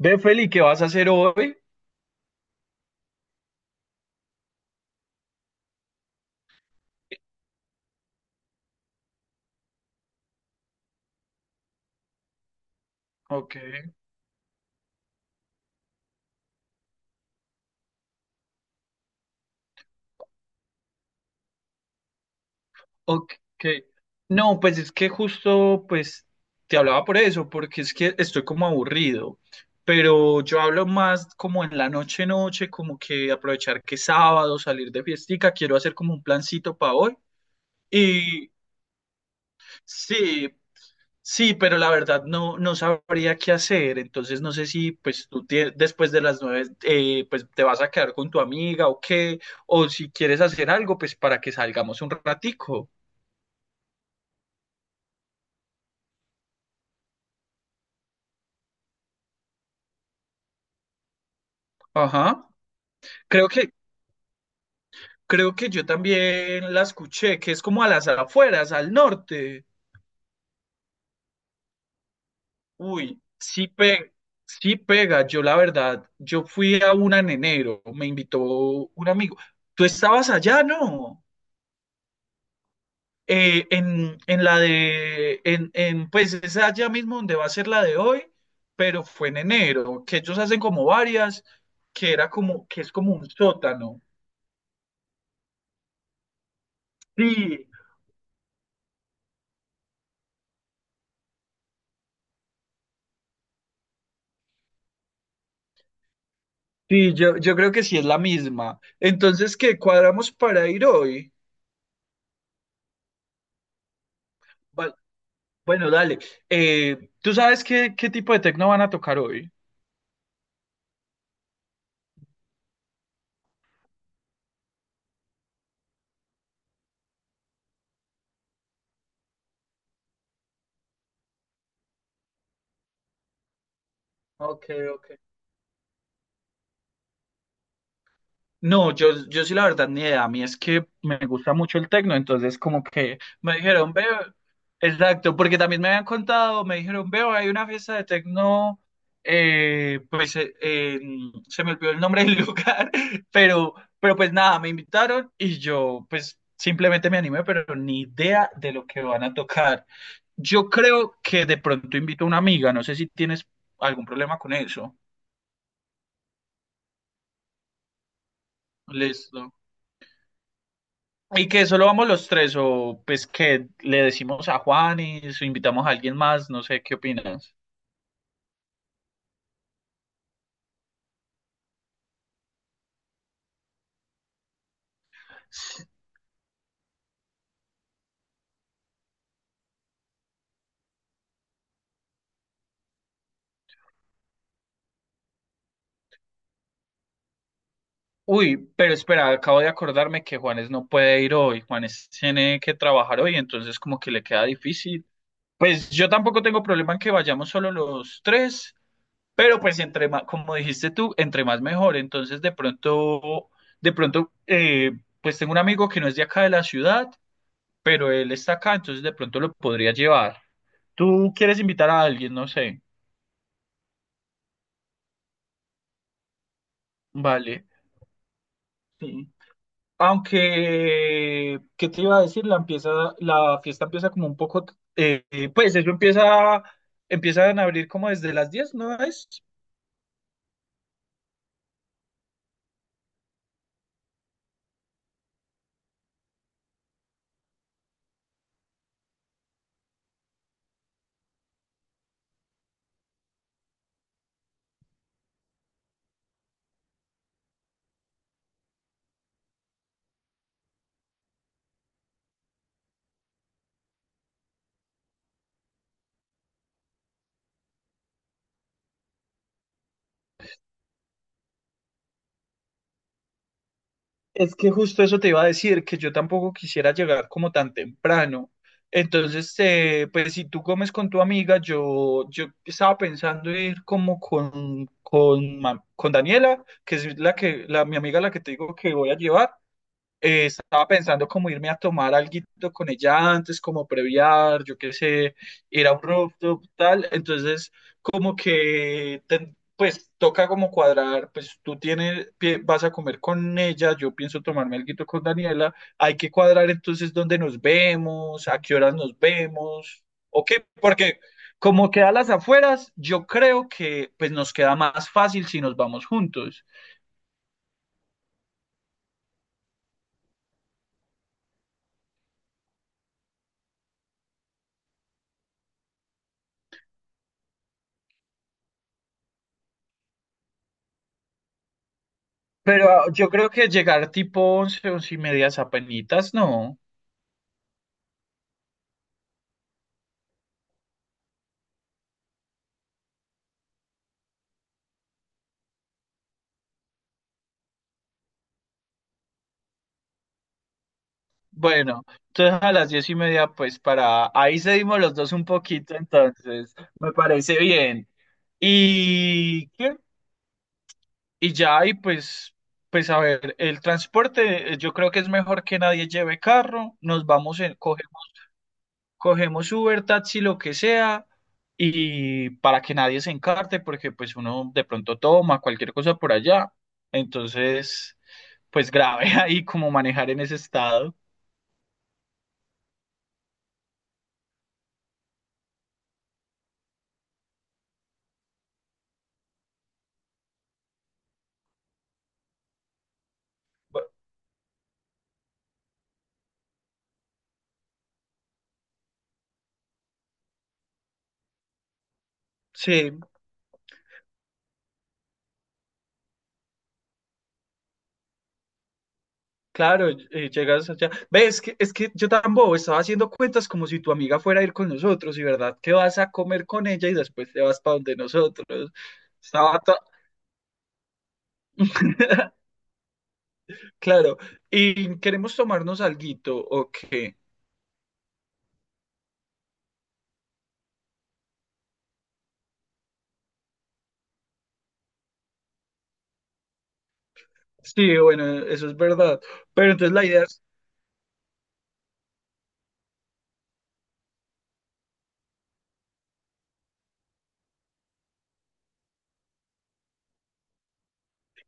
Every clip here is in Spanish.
Ve, Feli, ¿qué vas a hacer hoy? Ok, ok. No, pues es que justo, pues, te hablaba por eso, porque es que estoy como aburrido, pero yo hablo más como en la noche, noche, como que aprovechar que es sábado, salir de fiestica, quiero hacer como un plancito para hoy. Y sí, sí, pero la verdad no, no sabría qué hacer. Entonces no sé si pues después de las nueve, pues te vas a quedar con tu amiga o qué, o si quieres hacer algo pues para que salgamos un ratico. Ajá. Creo que creo que yo también la escuché, que es como a las afueras, al norte. Uy, sí pega, sí pega. Yo la verdad, yo fui a una en enero, me invitó un amigo. ¿Tú estabas allá, no? En la de, pues es allá mismo donde va a ser la de hoy, pero fue en enero, que ellos hacen como varias, que era como, que es como un sótano. Sí, sí, yo creo que sí es la misma. Entonces, ¿qué cuadramos para ir hoy? Va- bueno, dale. ¿Tú sabes qué, qué tipo de tecno van a tocar hoy? Ok, ok. No, yo sí la verdad ni idea. A mí es que me gusta mucho el tecno, entonces como que me dijeron, veo, exacto, porque también me habían contado, me dijeron, veo, hay una fiesta de tecno, se me olvidó el nombre del lugar, pero, pero pues nada, me invitaron y yo pues simplemente me animé, pero ni idea de lo que van a tocar. Yo creo que de pronto invito a una amiga, no sé si tienes algún problema con eso. Listo. ¿Y que solo vamos los tres? ¿O pues que le decimos a Juanes o invitamos a alguien más? No sé, ¿qué opinas? Uy, pero espera, acabo de acordarme que Juanes no puede ir hoy. Juanes tiene que trabajar hoy, entonces como que le queda difícil. Pues yo tampoco tengo problema en que vayamos solo los tres, pero pues entre más, como dijiste tú, entre más mejor. Entonces de pronto, de pronto, eh, pues tengo un amigo que no es de acá de la ciudad, pero él está acá, entonces de pronto lo podría llevar. Tú quieres invitar a alguien, no sé. Vale. Sí. Aunque, ¿qué te iba a decir? La fiesta empieza como un poco, pues empiezan a abrir como desde las 10, ¿no es? Es que justo eso te iba a decir, que yo tampoco quisiera llegar como tan temprano. Entonces, pues si tú comes con tu amiga, yo estaba pensando ir como con, con Daniela, que es la que, la, mi amiga la que te digo que voy a llevar. Estaba pensando como irme a tomar alguito con ella antes, como previar, yo qué sé, ir a un rooftop, tal. Entonces, como que, pues, toca como cuadrar, pues, tú tienes, vas a comer con ella, yo pienso tomarme alguito con Daniela. Hay que cuadrar entonces dónde nos vemos, a qué horas nos vemos, o qué, porque como queda a las afueras, yo creo que, pues, nos queda más fácil si nos vamos juntos. Pero ah, yo creo que llegar tipo once, 11 y media apenitas, no. Bueno, entonces a las 10 y media, pues para... Ahí seguimos los dos un poquito, entonces me parece bien. Y, ¿qué? Y ya, y pues, pues a ver, el transporte, yo creo que es mejor que nadie lleve carro, nos vamos en, cogemos Uber, taxi, lo que sea, y para que nadie se encarte, porque pues uno de pronto toma cualquier cosa por allá. Entonces... pues grave ahí como manejar en ese estado. Bu- Sí, claro, llegas allá. Ve, es que yo tan bobo estaba haciendo cuentas como si tu amiga fuera a ir con nosotros y verdad que vas a comer con ella y después te vas para donde nosotros. Estaba to- Claro, y queremos tomarnos alguito, ok. Sí, bueno, eso es verdad. Pero entonces la idea es,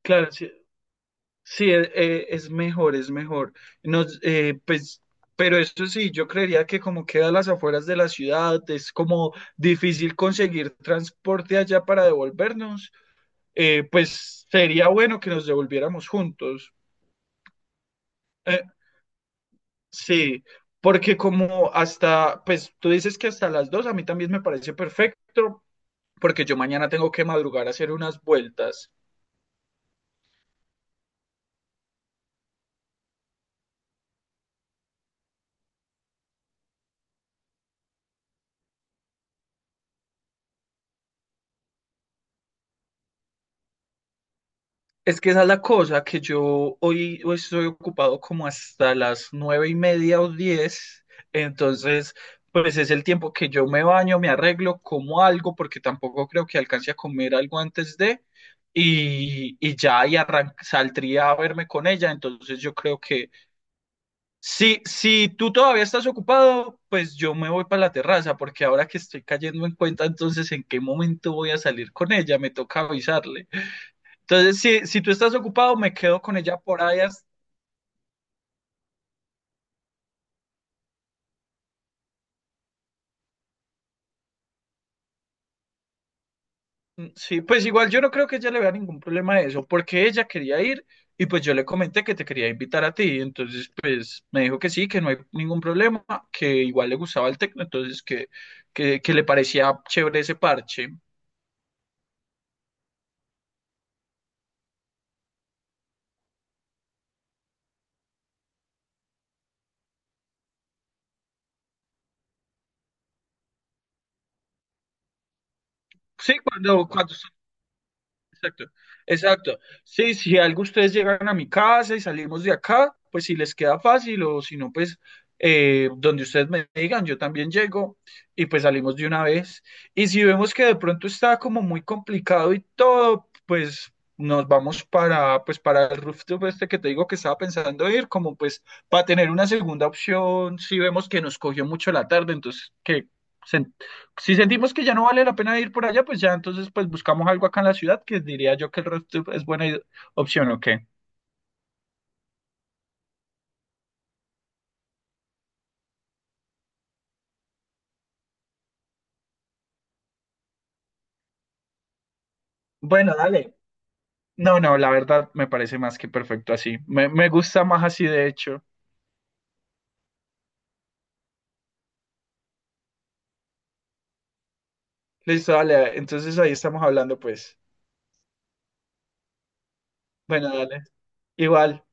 claro, sí, sí, es, mejor, es mejor. Nos, pues, pero esto sí, yo creería que como queda a las afueras de la ciudad, es como difícil conseguir transporte allá para devolvernos. Pues sería bueno que nos devolviéramos juntos. Eh, sí, porque como hasta, pues tú dices que hasta las dos, a mí también me parece perfecto, porque yo mañana tengo que madrugar a hacer unas vueltas. Es que esa es la cosa, que yo hoy, hoy estoy ocupado como hasta las nueve y media o diez, entonces pues es el tiempo que yo me baño, me arreglo, como algo, porque tampoco creo que alcance a comer algo antes de, y ya y saldría a verme con ella, entonces yo creo que si, si tú todavía estás ocupado, pues yo me voy para la terraza, porque ahora que estoy cayendo en cuenta, entonces en qué momento voy a salir con ella, me toca avisarle. Entonces, si, si tú estás ocupado, me quedo con ella por ahí. Sí, pues igual yo no creo que ella le vea ningún problema de eso, porque ella quería ir y pues yo le comenté que te quería invitar a ti. Entonces, pues me dijo que sí, que no hay ningún problema, que igual le gustaba el tecno, entonces que le parecía chévere ese parche. Sí, cuando exacto, exacto. Sí, si algo ustedes llegan a mi casa y salimos de acá, pues si les queda fácil o si no, pues donde ustedes me digan, yo también llego y pues salimos de una vez. Y si vemos que de pronto está como muy complicado y todo, pues nos vamos para, pues para el rooftop este que te digo que estaba pensando ir, como pues para tener una segunda opción, si vemos que nos cogió mucho la tarde, entonces que se- si sentimos que ya no vale la pena ir por allá, pues ya entonces pues buscamos algo acá en la ciudad que diría yo que el redtube es buena opción o qué. Bueno, dale. No, no, la verdad me parece más que perfecto así. Me gusta más así de hecho. Listo, dale. Entonces ahí estamos hablando, pues. Bueno, dale. Igual.